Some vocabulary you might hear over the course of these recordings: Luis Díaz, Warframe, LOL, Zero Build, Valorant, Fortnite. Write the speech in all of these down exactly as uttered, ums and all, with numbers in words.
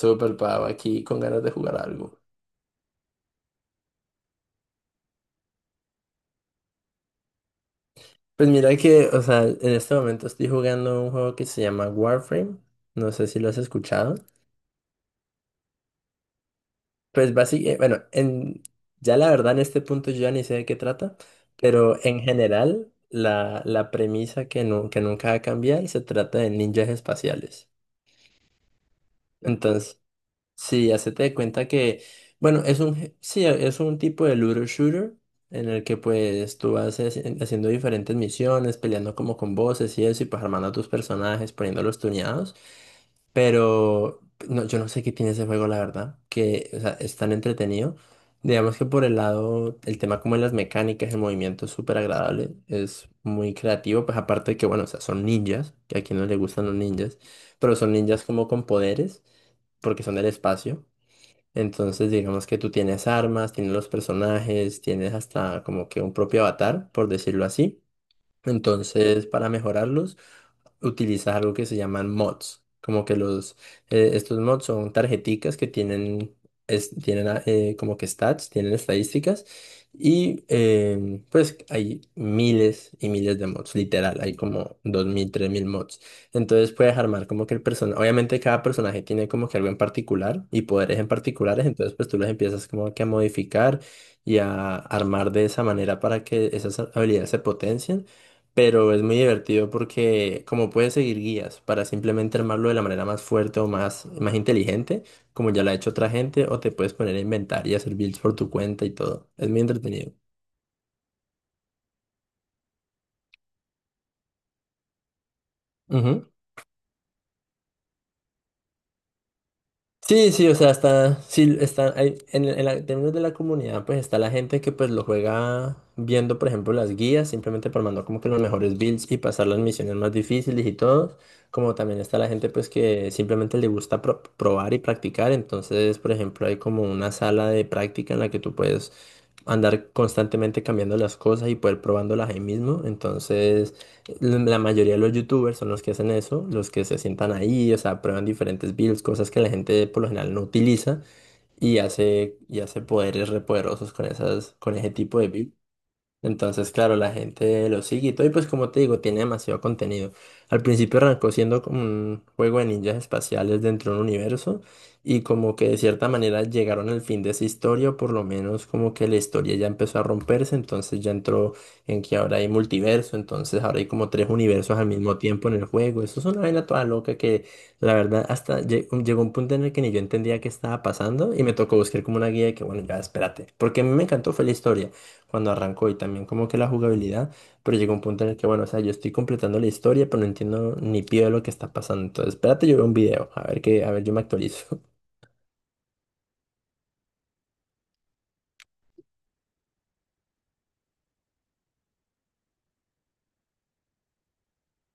Súper pavo, aquí con ganas de jugar algo. Pues mira que, o sea, en este momento estoy jugando un juego que se llama Warframe. No sé si lo has escuchado. Pues básicamente, bueno, en, ya la verdad en este punto yo ya ni sé de qué trata, pero en general la, la premisa que, nu- que nunca va a cambiar, se trata de ninjas espaciales. Sí, hacete de cuenta que, bueno, es un, je- sí, es un tipo de looter shooter en el que pues tú vas haci- haciendo diferentes misiones, peleando como con voces y eso, y pues armando a tus personajes, poniéndolos tuneados. Pero no, yo no sé qué tiene ese juego, la verdad, que o sea, es tan entretenido. Digamos que por el lado, el tema como de las mecánicas, el movimiento es súper agradable, es muy creativo, pues aparte de que, bueno, o sea, son ninjas, que a quien no le gustan los ninjas, pero son ninjas como con poderes porque son del espacio. Entonces, digamos que tú tienes armas, tienes los personajes, tienes hasta como que un propio avatar, por decirlo así. Entonces, para mejorarlos, utilizas algo que se llaman mods. Como que los, eh, estos mods son tarjeticas que tienen, es- tienen ah, eh, como que stats, tienen estadísticas. Y em, pues hay miles y miles de mods, literal, hay como dos mil tres mil mods. Entonces puedes armar como que el personaje, obviamente cada personaje tiene como que algo en particular y poderes en particulares, entonces pues tú los empiezas como que a modificar y a armar de esa manera para que esas habilidades se potencien. Pero es muy divertido porque como puedes seguir guías para simplemente armarlo de la manera más fuerte o más, más inteligente, como ya lo ha hecho otra gente, o te puedes poner a inventar y hacer builds por tu cuenta y todo. Es muy entretenido. Ujú. Sí, sí, o sea, está, sí, está, hay- en, en la- en términos de la comunidad, pues está la gente que pues lo juega viendo, por ejemplo, las guías, simplemente por mandar como que los mejores builds y pasar las misiones más difíciles y todo, como también está la gente pues que simplemente le gusta pro- probar y practicar. Entonces, por ejemplo, hay como una sala de práctica en la que tú puedes andar constantemente cambiando las cosas y poder probándolas ahí mismo. Entonces, la la mayoría de los youtubers son los que hacen eso, los que se sientan ahí, o sea, prueban diferentes builds, cosas que la gente por lo general no utiliza y hace, y hace poderes repoderosos con esas, con ese tipo de builds. Entonces, claro, la gente lo sigue y todo. Y pues como te digo, tiene demasiado contenido. Al principio arrancó siendo como un juego de ninjas espaciales dentro de un universo. Y como que de cierta manera llegaron al fin de esa historia, o por lo menos como que la historia ya empezó a romperse. Entonces ya entró en que ahora hay multiverso. Entonces ahora hay como tres universos al mismo tiempo en el juego. Eso es una vaina toda loca que la verdad hasta lle- llegó un punto en el que ni yo entendía qué estaba pasando. Y me tocó buscar como una guía de que bueno, ya espérate. Porque a mí me encantó fue la historia cuando arrancó y también como que la jugabilidad, pero llegó un punto en el que, bueno, o sea, yo estoy completando la historia, pero no entiendo ni pío de lo que está pasando. Entonces, espérate, yo veo un video, a ver qué, a ver, yo me actualizo.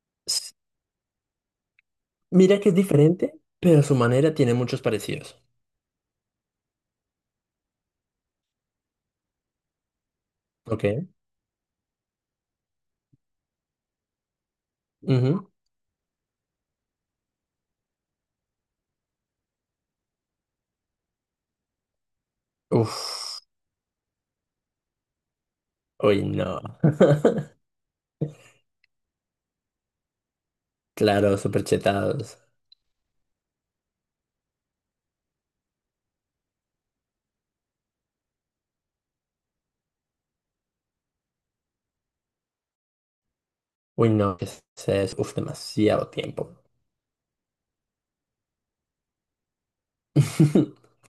S- Mira que es diferente, pero su manera tiene muchos parecidos. Ok. Ujú. Uf. Uy, no. Claro, súper chetados. Uy, no, que se es, uf, demasiado tiempo.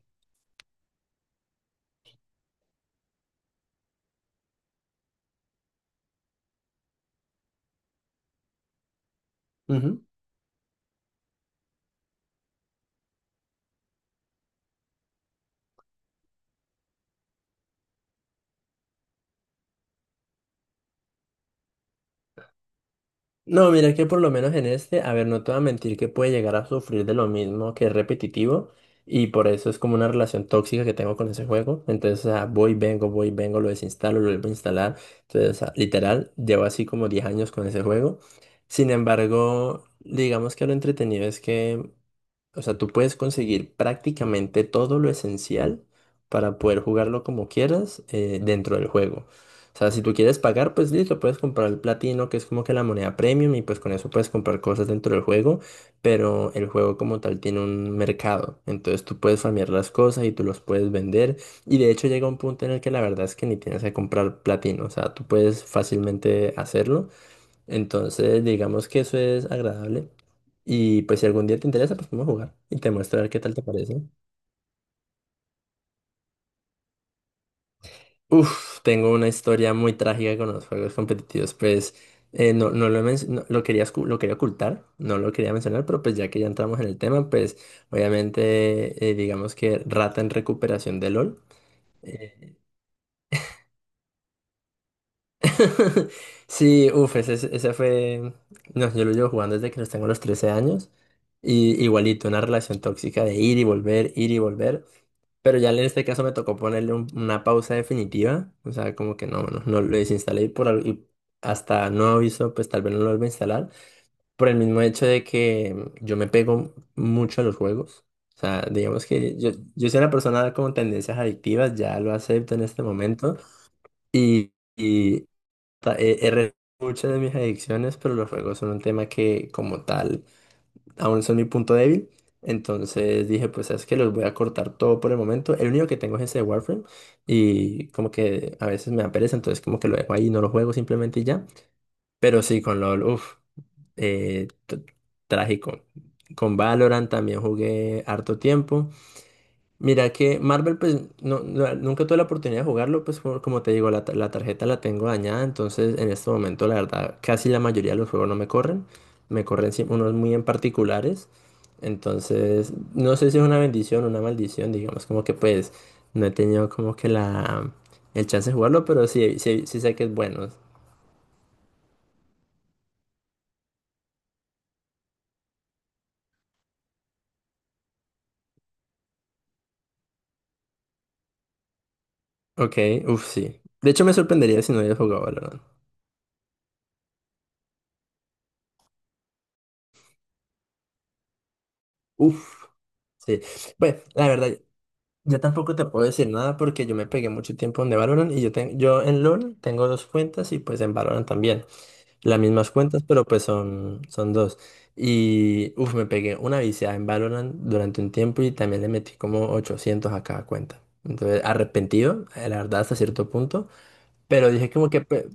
Ujú. No, mira que por lo menos en este, a ver, no te voy a mentir que puede llegar a sufrir de lo mismo, que es repetitivo, y por eso es como una relación tóxica que tengo con ese juego. Entonces, o sea, voy, vengo, voy, vengo, lo desinstalo, lo vuelvo a instalar. Entonces, o sea, literal, llevo así como diez años con ese juego. Sin embargo, digamos que lo entretenido es que, o sea, tú puedes conseguir prácticamente todo lo esencial para poder jugarlo como quieras, eh, dentro del juego. O sea, si tú quieres pagar, pues listo, puedes comprar el platino, que es como que la moneda premium, y pues con eso puedes comprar cosas dentro del juego, pero el juego como tal tiene un mercado. Entonces tú puedes farmear las cosas y tú los puedes vender. Y de hecho llega un punto en el que la verdad es que ni tienes que comprar platino. O sea, tú puedes fácilmente hacerlo. Entonces, digamos que eso es agradable. Y pues si algún día te interesa, pues vamos a jugar y te muestro a ver qué tal te parece. Uf, tengo una historia muy trágica con los juegos competitivos. Pues eh, no, no lo, he men- no- lo quería, escu- lo quería ocultar, no lo quería mencionar, pero pues ya que ya entramos en el tema, pues obviamente eh, digamos que rata en recuperación de LOL. eh, Sí, uff, ese, ese fue. No, yo lo llevo jugando desde que los tengo los trece años. Y igualito, una relación tóxica de ir y volver, ir y volver. Pero ya en este caso me tocó ponerle un- una pausa definitiva. O sea, como que no, no, no lo desinstalé y por al- y hasta no aviso, pues tal vez no lo vuelva a instalar. Por el mismo hecho de que mm, yo me pego mucho a los juegos. O sea, digamos que yo, yo soy una persona con tendencias adictivas, ya lo acepto en este momento. ta- He, he re- Muchas de mis adicciones, pero los juegos son un tema que como tal aún son mi punto débil. Entonces dije, pues sabes que los voy a cortar todo por el momento. El único que tengo es ese de Warframe y como que a veces me da pereza, entonces como que lo dejo ahí, no lo juego simplemente y ya. Pero sí, con LOL, uff, eh, t- trágico. Con Valorant también jugué harto tiempo. Mira que Marvel, pues no, no- nunca tuve la oportunidad de jugarlo, pues por- como te digo, la, ta- la tarjeta la tengo dañada, entonces en este momento la verdad casi la mayoría de los juegos no me corren, me corren sí unos muy en particulares, entonces no sé si es una bendición o una maldición, digamos como que pues no he tenido como que la, el chance de jugarlo, pero sí, sí, sí sé que es bueno. Ok, uff, sí. De hecho me sorprendería si no hubiera jugado Valorant. Uff, sí. Bueno, la verdad. Yo tampoco te puedo decir nada porque yo me pegué mucho tiempo en Valorant y yo, ten- yo en LoL tengo dos cuentas y pues en Valorant también. Las mismas cuentas, pero pues son, son dos. Y uff, me pegué una viciada en Valorant durante un tiempo y también le metí como ochocientos a cada cuenta. Entonces, arrepentido, eh, la verdad, hasta cierto punto. Pero dije como que, pues,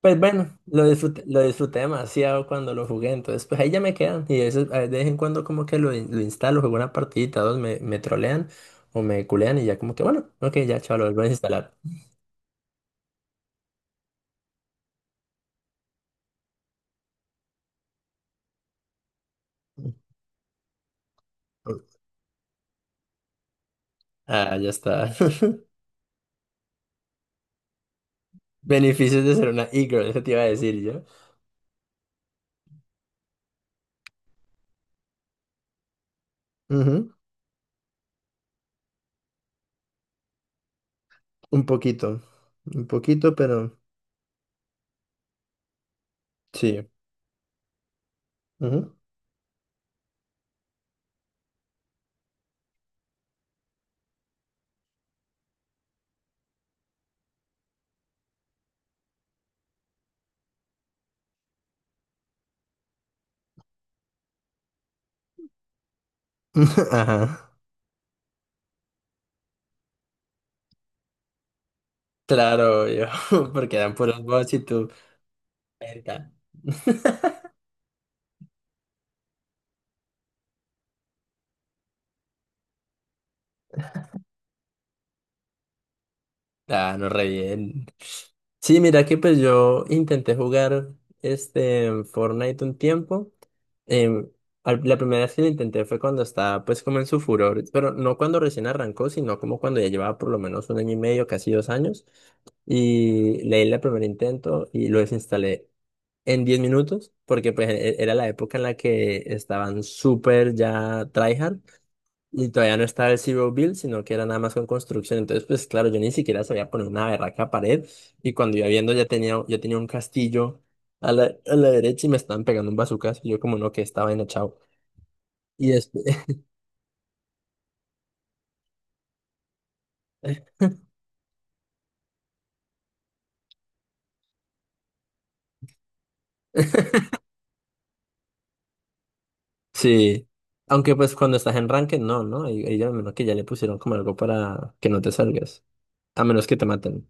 pues bueno, lo disfruté, lo disfruté demasiado cuando lo jugué, entonces pues ahí ya me quedan. Y a veces, a- de vez en cuando como que lo, in- lo instalo, juego una partidita, dos, me, me trolean o me culean, y ya como que bueno, ok, ya chaval, lo vuelvo a instalar. Ah, ya está. Beneficios de ser una e-girl, eso te iba a decir yo. Ujú. Un poquito, un poquito, pero sí. Ujú. Ajá. Claro, yo, porque eran puros bots y tú. "Verga". Ah, no, re bien. Sí, mira que pues yo intenté jugar este Fortnite un tiempo. Em, al- la primera vez que lo intenté fue cuando estaba pues como en su furor, pero no cuando recién arrancó, sino como cuando ya llevaba por lo menos un año y medio, casi dos años. Y leí el primer intento y lo desinstalé en diez minutos, porque pues e- e, era la época en la que estaban súper ya tryhard. Y todavía no estaba el Zero Build, sino que era nada más con construcción. Entonces, pues claro, yo ni siquiera sabía poner una berraca pared. Y cuando iba viendo, ya tenía, yo tenía un castillo a la, a la derecha y me estaban pegando un bazucazo. Y yo, como no, que estaba en chao. Y después, sí. Aunque, pues cuando estás en ranked, no, ¿no? Y, y ya, a menos que ya le pusieron como algo para que no te salgas. A menos que te maten.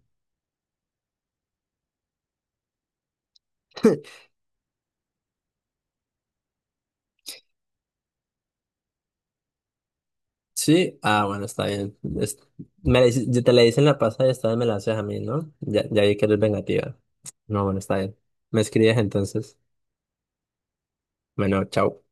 Sí, ah, bueno, está bien. Es- me la hice- yo te la hice en la pasada y esta vez me la haces a mí, ¿no? Ya, ya vi que eres vengativa. No, bueno, está bien. Me escribes entonces. Bueno, chao.